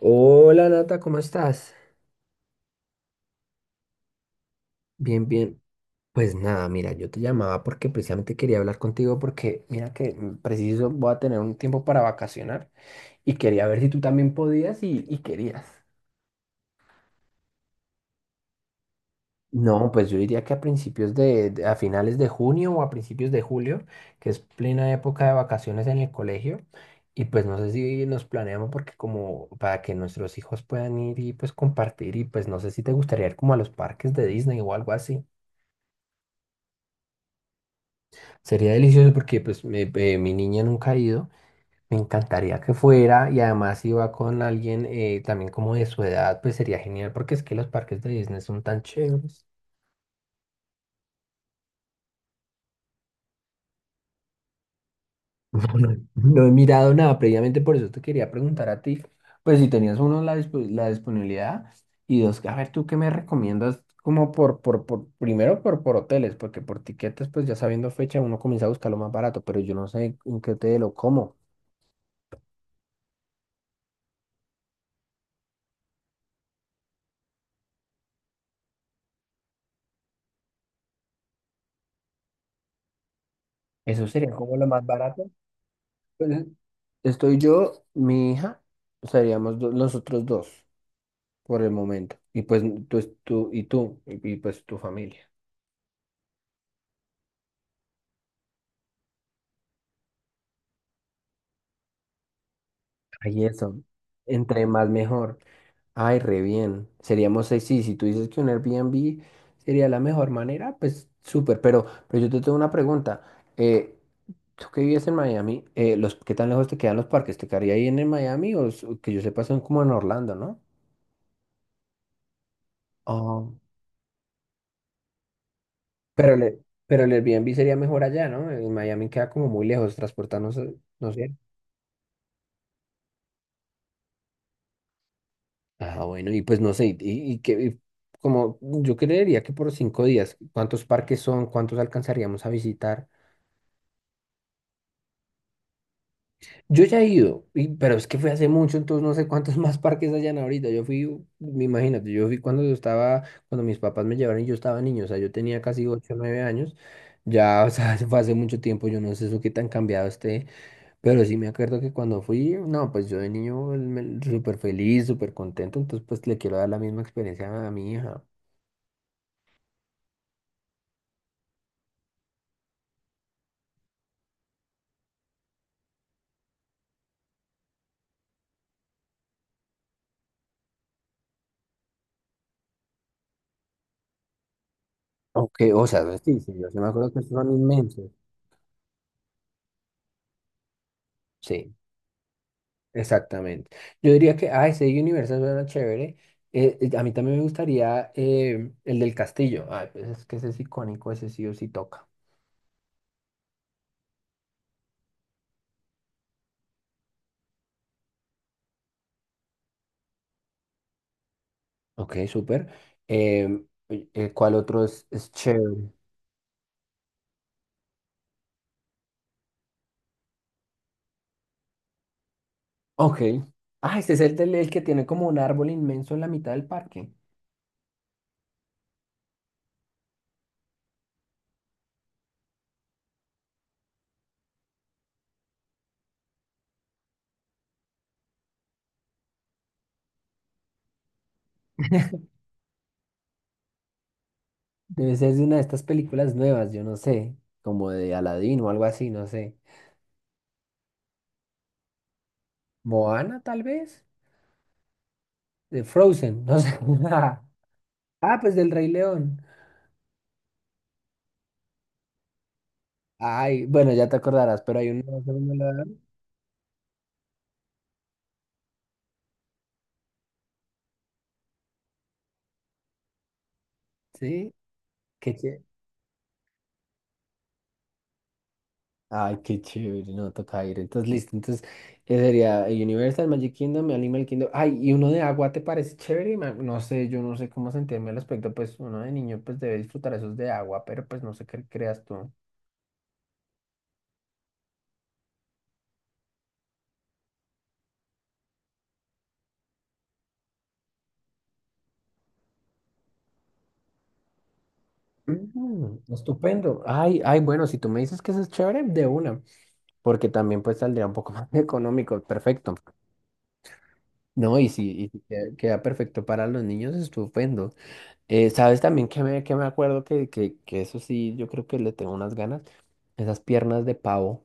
Hola Nata, ¿cómo estás? Bien, bien. Pues nada, mira, yo te llamaba porque precisamente quería hablar contigo porque mira que preciso voy a tener un tiempo para vacacionar y quería ver si tú también podías y querías. No, pues yo diría que a principios a finales de junio o a principios de julio, que es plena época de vacaciones en el colegio. Y pues no sé si nos planeamos porque como para que nuestros hijos puedan ir y pues compartir y pues no sé si te gustaría ir como a los parques de Disney o algo así. Sería delicioso porque pues mi niña nunca ha ido, me encantaría que fuera y además si va con alguien también como de su edad, pues sería genial porque es que los parques de Disney son tan chéveres. No, no, no he mirado nada previamente, por eso te quería preguntar a ti, pues si tenías uno la disponibilidad y dos, a ver, ¿tú qué me recomiendas? Como primero por hoteles, porque por tiquetes, pues ya sabiendo fecha uno comienza a buscar lo más barato, pero yo no sé en qué hotel o cómo. Eso sería como lo más barato. Pues, estoy yo, mi hija, seríamos los otros dos por el momento. Y pues tú, tú y tú, pues tu familia. Ay, eso. Entre más mejor. Ay, re bien. Seríamos seis. Sí, si tú dices que un Airbnb sería la mejor manera, pues súper. Pero yo te tengo una pregunta. Eh, tú que vives en Miami, ¿qué tan lejos te quedan los parques? ¿Te quedaría ahí en Miami o que yo sepa son como en Orlando, ¿no? Pero, le, pero el Airbnb sería mejor allá, ¿no? En Miami queda como muy lejos, transportarnos, no sé. Ah, bueno, y pues no sé, y como yo creería que por cinco días, ¿cuántos parques son? ¿Cuántos alcanzaríamos a visitar? Yo ya he ido, pero es que fue hace mucho, entonces no sé cuántos más parques hayan ahorita. Yo fui, me imagínate, yo fui cuando yo estaba, cuando mis papás me llevaron y yo estaba niño, o sea, yo tenía casi ocho o 9 años. Ya, o sea, fue hace mucho tiempo, yo no sé eso qué tan cambiado esté. Pero sí me acuerdo que cuando fui, no, pues yo de niño súper feliz, súper contento, entonces pues le quiero dar la misma experiencia a mi hija. Aunque, o sea, sí, sí, yo sí me acuerdo que estos son inmensos. Sí, exactamente. Yo diría que, ah, ese universo suena chévere. A mí también me gustaría el del castillo. Ah, pues es que ese es icónico, ese sí o sí toca. Ok, súper. ¿Cuál otro es chévere? Ok. Ah, ese es el que tiene como un árbol inmenso en la mitad del parque. Debe ser de una de estas películas nuevas, yo no sé, como de Aladdin o algo así, no sé. Moana, tal vez, de Frozen, no sé. Ah, pues del Rey León. Ay, bueno, ya te acordarás, pero hay un nuevo segundo lugar, ¿sí? Qué chévere. Ay, qué chévere, no toca ir. Entonces, listo. Entonces, sería Universal, Magic Kingdom, Animal Kingdom. Ay, y uno de agua, ¿te parece chévere? No sé, yo no sé cómo sentirme al respecto. Pues uno de niño, pues debe disfrutar esos de agua, pero pues no sé qué creas tú. Estupendo. Ay, ay, bueno, si tú me dices que eso es chévere, de una, porque también pues saldría un poco más económico, perfecto. No, y si queda perfecto para los niños, estupendo. ¿Sabes también que que me acuerdo que eso sí, yo creo que le tengo unas ganas? Esas piernas de pavo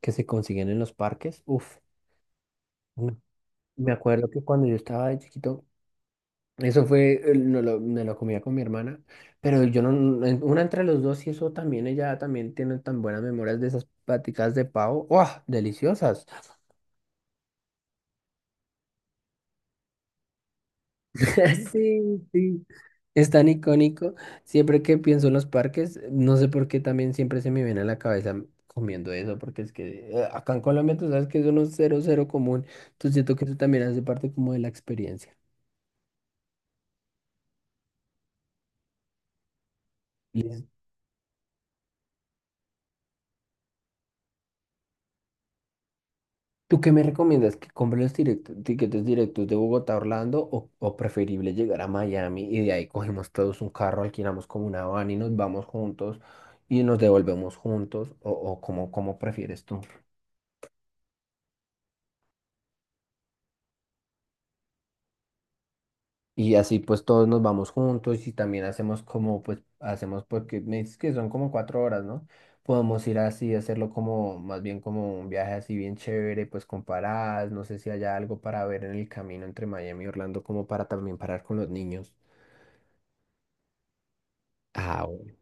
que se consiguen en los parques. Uf, no. Me acuerdo que cuando yo estaba de chiquito, eso fue, no lo, me lo comía con mi hermana, pero yo no, una entre los dos y eso también, ella también tiene tan buenas memorias de esas pláticas de pavo, ¡guau! Deliciosas. Sí, sí. Es tan icónico, siempre que pienso en los parques, no sé por qué también siempre se me viene a la cabeza comiendo eso, porque es que acá en Colombia tú sabes que eso no es cero, cero común, entonces siento que eso también hace parte como de la experiencia. ¿Tú qué me recomiendas? ¿Que compre los tiquetes directos de Bogotá a Orlando o preferible llegar a Miami y de ahí cogemos todos un carro, alquilamos como una van y nos vamos juntos y nos devolvemos juntos o cómo prefieres tú? Y así pues todos nos vamos juntos y también hacemos como pues hacemos porque me dices que son como cuatro horas, ¿no? Podemos ir así, hacerlo como más bien como un viaje así bien chévere, pues con paradas, no sé si haya algo para ver en el camino entre Miami y Orlando como para también parar con los niños. Ah, bueno.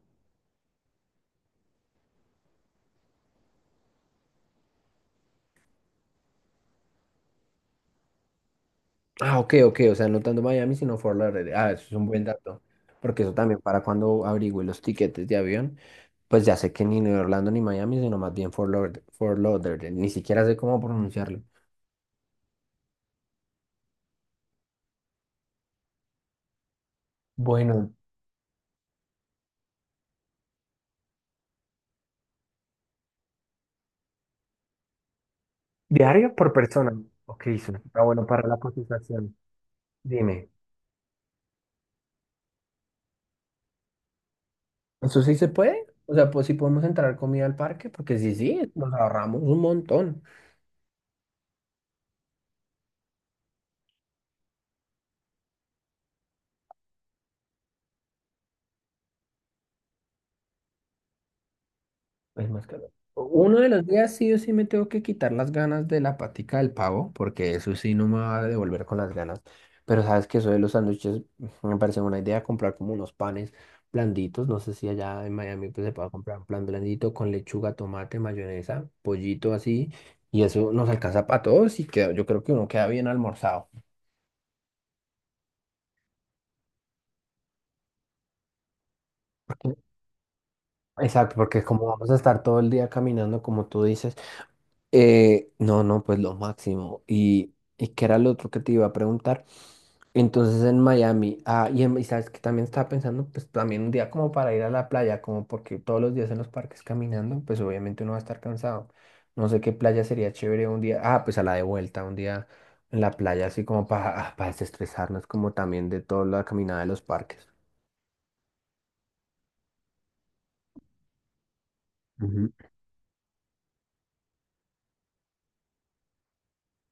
Ah, ok, ok, o sea, no tanto Miami, sino Fort Lauderdale. Ah, eso es un buen dato, porque eso también para cuando averigüe los tiquetes de avión, pues ya sé que ni Nueva Orlando ni Miami, sino más bien Fort Lauderdale, Fort Lauderdale. Ni siquiera sé cómo pronunciarlo. Bueno, diario por persona. Ok, eso está bueno para la cotización. Dime. ¿Eso sí se puede? O sea, pues si podemos entrar comida al parque, porque sí, sí, nos ahorramos un montón. Es más calor. Uno de los días sí o sí me tengo que quitar las ganas de la patica del pavo, porque eso sí no me va a devolver con las ganas. Pero sabes que eso de los sándwiches me parece una idea comprar como unos panes blanditos. No sé si allá en Miami pues, se puede comprar un plan blandito con lechuga, tomate, mayonesa, pollito así. Y eso nos alcanza para todos y yo creo que uno queda bien almorzado. Exacto, porque como vamos a estar todo el día caminando, como tú dices. No, no, pues lo máximo. ¿Y qué era lo otro que te iba a preguntar? Entonces en Miami, ah, y sabes que también estaba pensando, pues también un día como para ir a la playa, como porque todos los días en los parques caminando, pues obviamente uno va a estar cansado. No sé qué playa sería chévere un día, ah, pues a la de vuelta, un día en la playa, así como para, ah, para desestresarnos, como también de toda la caminada de los parques.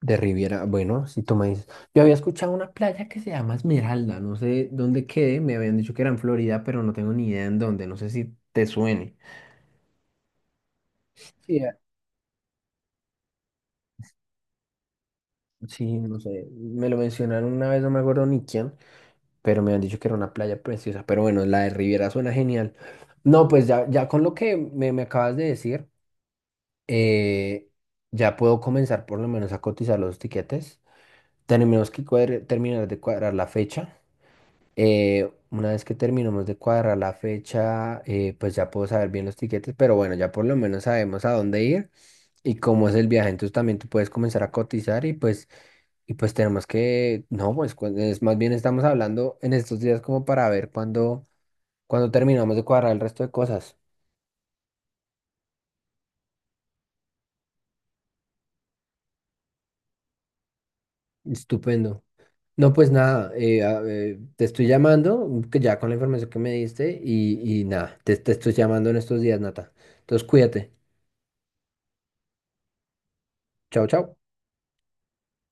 De Riviera, bueno, si tú me dices, yo había escuchado una playa que se llama Esmeralda, no sé dónde quede, me habían dicho que era en Florida, pero no tengo ni idea en dónde, no sé si te suene. Sí, sí, no sé, me lo mencionaron una vez, no me acuerdo ni quién, pero me han dicho que era una playa preciosa, pero bueno, la de Riviera suena genial. No, pues ya, ya con lo que me acabas de decir, eh, ya puedo comenzar por lo menos a cotizar los tiquetes. Tenemos que terminar de cuadrar la fecha. Una vez que terminemos de cuadrar la fecha, pues ya puedo saber bien los tiquetes, pero bueno, ya por lo menos sabemos a dónde ir y cómo es el viaje. Entonces también tú puedes comenzar a cotizar y pues tenemos que, no, pues es más bien estamos hablando en estos días como para ver cuándo terminamos de cuadrar el resto de cosas. Estupendo. No, pues nada, te estoy llamando, que ya con la información que me diste y nada, te estoy llamando en estos días, Nata. Entonces cuídate. Chao, chao.